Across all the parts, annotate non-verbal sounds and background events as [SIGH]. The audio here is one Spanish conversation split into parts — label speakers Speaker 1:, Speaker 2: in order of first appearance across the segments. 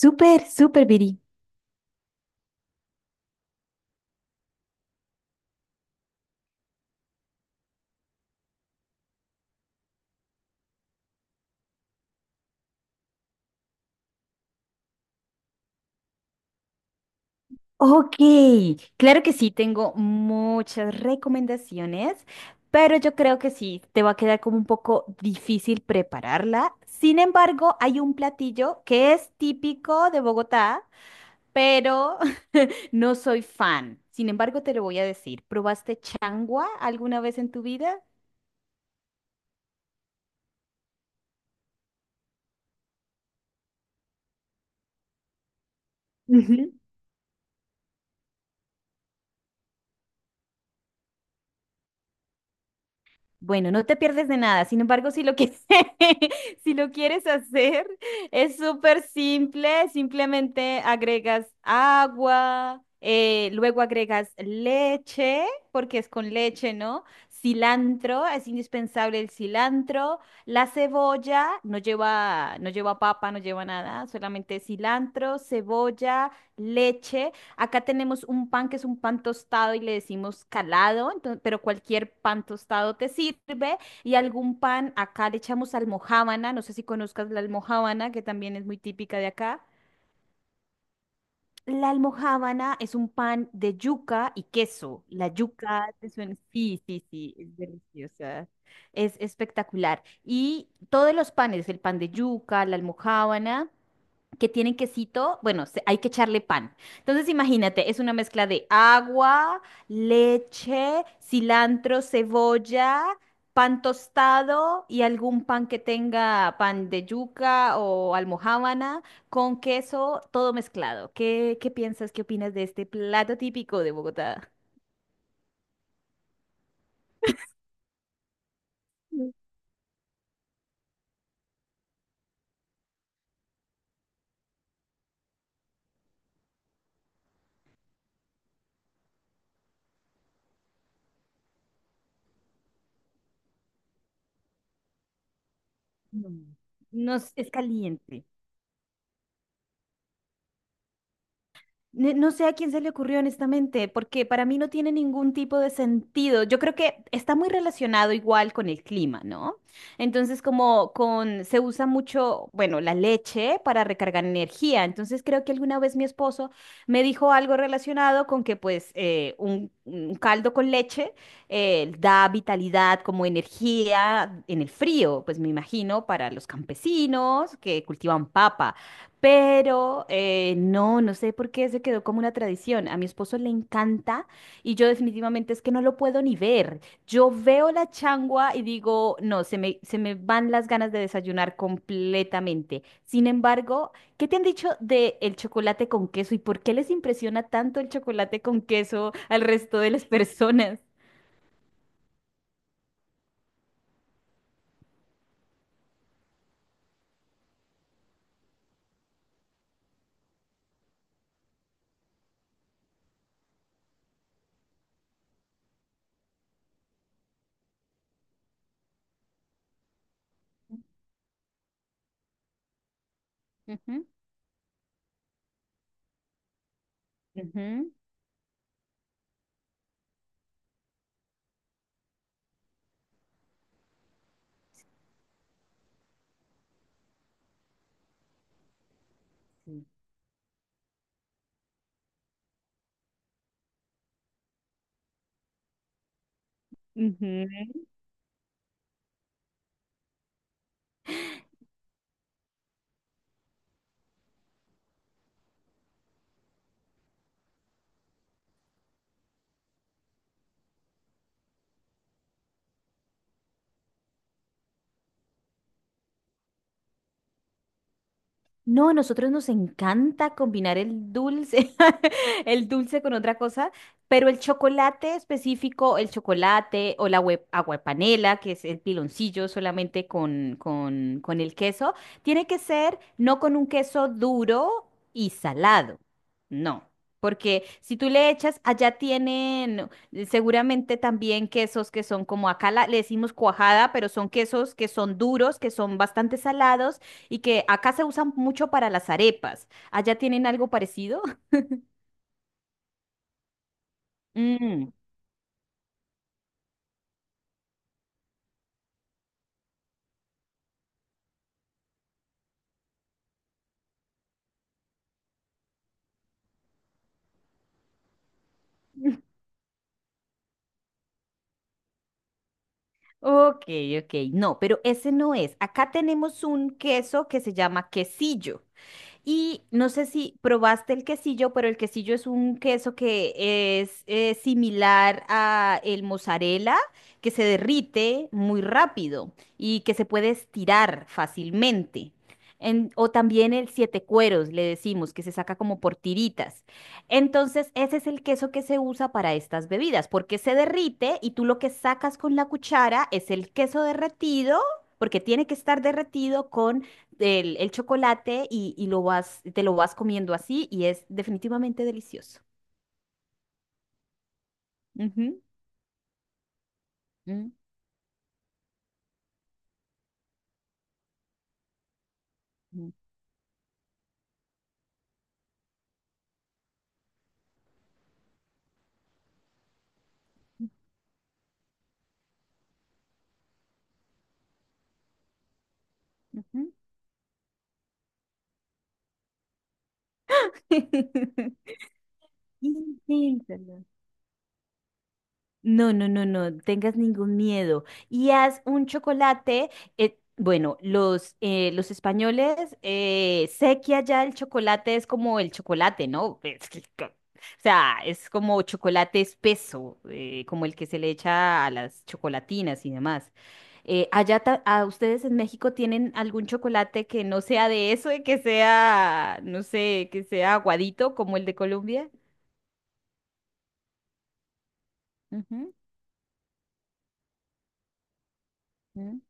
Speaker 1: Súper, súper, Viri. Ok, claro que sí, tengo muchas recomendaciones, pero yo creo que sí, te va a quedar como un poco difícil prepararla. Sin embargo, hay un platillo que es típico de Bogotá, pero [LAUGHS] no soy fan. Sin embargo, te lo voy a decir. ¿Probaste changua alguna vez en tu vida? Bueno, no te pierdes de nada. Sin embargo, si lo quieres, [LAUGHS] si lo quieres hacer, es súper simple. Simplemente agregas agua, luego agregas leche, porque es con leche, ¿no? Cilantro, es indispensable el cilantro. La cebolla no lleva, no lleva papa, no lleva nada, solamente cilantro, cebolla, leche. Acá tenemos un pan que es un pan tostado y le decimos calado, entonces pero cualquier pan tostado te sirve. Y algún pan, acá le echamos almojábana, no sé si conozcas la almojábana, que también es muy típica de acá. La almojábana es un pan de yuca y queso. La yuca, ¿te suena? Sí, sí, sí, es deliciosa. Es espectacular. Y todos los panes, el pan de yuca, la almojábana que tienen quesito, bueno, se- hay que echarle pan. Entonces, imagínate, es una mezcla de agua, leche, cilantro, cebolla, pan tostado y algún pan que tenga pan de yuca o almojábana con queso, todo mezclado. ¿Qué, qué piensas, qué opinas de este plato típico de Bogotá? Mm. No, es caliente. Ne- No sé a quién se le ocurrió honestamente, porque para mí no tiene ningún tipo de sentido. Yo creo que está muy relacionado igual con el clima, ¿no? Entonces, como con se usa mucho, bueno, la leche para recargar energía. Entonces, creo que alguna vez mi esposo me dijo algo relacionado con que, pues, un caldo con leche da vitalidad como energía en el frío, pues me imagino para los campesinos que cultivan papa. Pero no, no sé por qué se quedó como una tradición. A mi esposo le encanta y yo definitivamente es que no lo puedo ni ver. Yo veo la changua y digo, no, se me van las ganas de desayunar completamente. Sin embargo, ¿qué te han dicho de el chocolate con queso y por qué les impresiona tanto el chocolate con queso al resto de las [LAUGHS] personas? Ujú, ujú, sí. Ujú. No, a nosotros nos encanta combinar el dulce, [LAUGHS] el dulce con otra cosa, pero el chocolate específico, el chocolate o la hue- aguapanela, que es el piloncillo solamente con el queso, tiene que ser no con un queso duro y salado, no. Porque si tú le echas, allá tienen seguramente también quesos que son como acá la- le decimos cuajada, pero son quesos que son duros, que son bastante salados y que acá se usan mucho para las arepas. ¿Allá tienen algo parecido? [LAUGHS] Mm, ok, ok, no, pero ese no es. Acá tenemos un queso que se llama quesillo. Y no sé si probaste el quesillo, pero el quesillo es un queso que es similar a el mozzarella, que se derrite muy rápido y que se puede estirar fácilmente. En- o también el siete cueros, le decimos, que se saca como por tiritas. Entonces, ese es el queso que se usa para estas bebidas, porque se derrite y tú lo que sacas con la cuchara es el queso derretido, porque tiene que estar derretido con el chocolate y lo vas, te lo vas comiendo así y es definitivamente delicioso. Ujú, ujú, ujú. [LAUGHS] Inténtalo. No, no, no, no tengas ningún miedo. Y haz un chocolate. Bueno, los españoles, sé que allá el chocolate es como el chocolate, ¿no? [LAUGHS] Es que co- o sea, es como chocolate espeso, como el que se le echa a las chocolatinas y demás. Allá ta- a ustedes en México tienen algún chocolate que no sea de eso y que sea, no sé, que sea aguadito como el de Colombia. Ujú.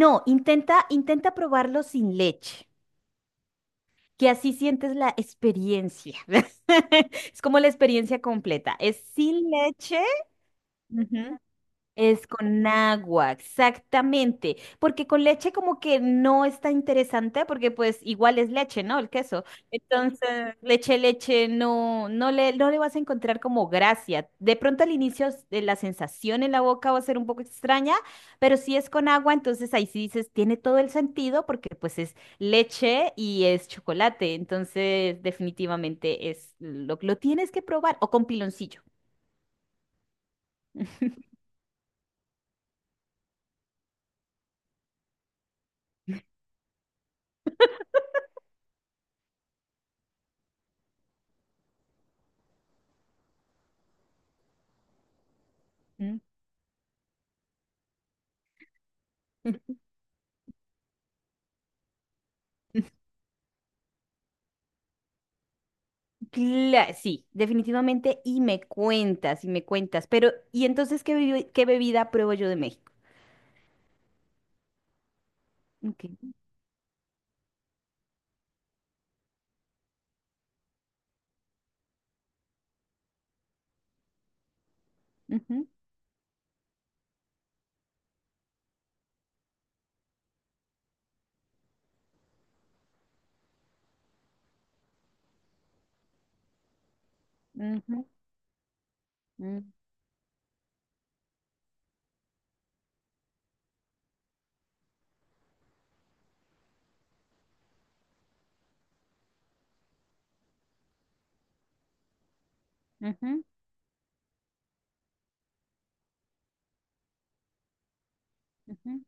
Speaker 1: No, intenta, intenta probarlo sin leche, que así sientes la experiencia. [LAUGHS] Es como la experiencia completa. Es sin leche. Ujú. Es con agua, exactamente, porque con leche como que no está interesante porque pues igual es leche, ¿no? El queso. Entonces, leche, leche, no, no le, no le vas a encontrar como gracia. De pronto al inicio s- la sensación en la boca va a ser un poco extraña, pero si es con agua, entonces ahí sí dices, tiene todo el sentido porque pues es leche y es chocolate, entonces definitivamente es lo tienes que probar o con piloncillo. [LAUGHS] Mm. Cla- sí, definitivamente. Y me cuentas, y me cuentas. Pero, ¿y entonces qué, bebi- qué bebida pruebo yo de México? Ok, ujú, ujú, mm, ujú, ujú,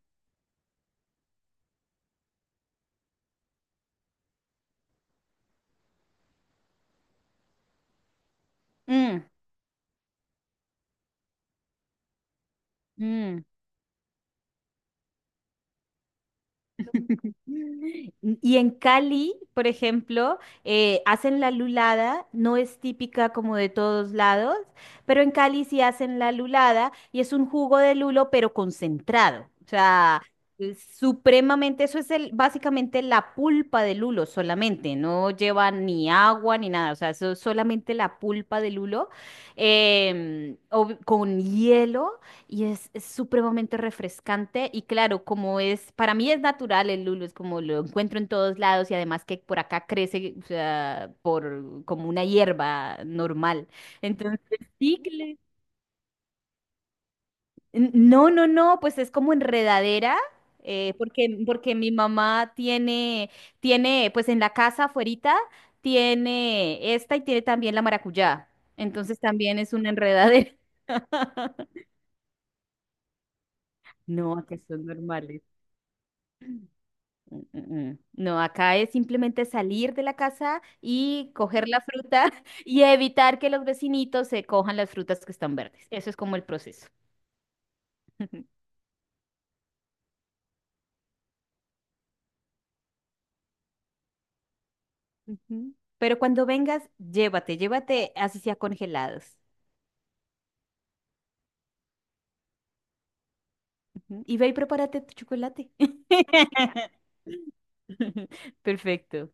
Speaker 1: mm, mm. Y en Cali, por ejemplo, hacen la lulada, no es típica como de todos lados, pero en Cali sí hacen la lulada y es un jugo de lulo, pero concentrado. O sea, es supremamente, eso es el, básicamente la pulpa de lulo solamente, no lleva ni agua ni nada, o sea, eso es solamente la pulpa de lulo ob- con hielo. Y es supremamente refrescante y claro, como es, para mí es natural el lulo, es como lo encuentro en todos lados y además que por acá crece, o sea, por como una hierba normal. Entonces, sí, que N- no, no, no, pues es como enredadera, porque, porque mi mamá tiene, tiene, pues en la casa afuerita tiene esta y tiene también la maracuyá. Entonces también es una enredadera. [LAUGHS] No, que son normales. Mm, mm, mm. No, acá es simplemente salir de la casa y coger la fruta [LAUGHS] y evitar que los vecinitos se cojan las frutas que están verdes. Eso es como el proceso. [LAUGHS] Ujú. Pero cuando vengas, llévate, llévate así sea congelados. Ujú. Y ve y prepárate tu chocolate. [LAUGHS] Perfecto.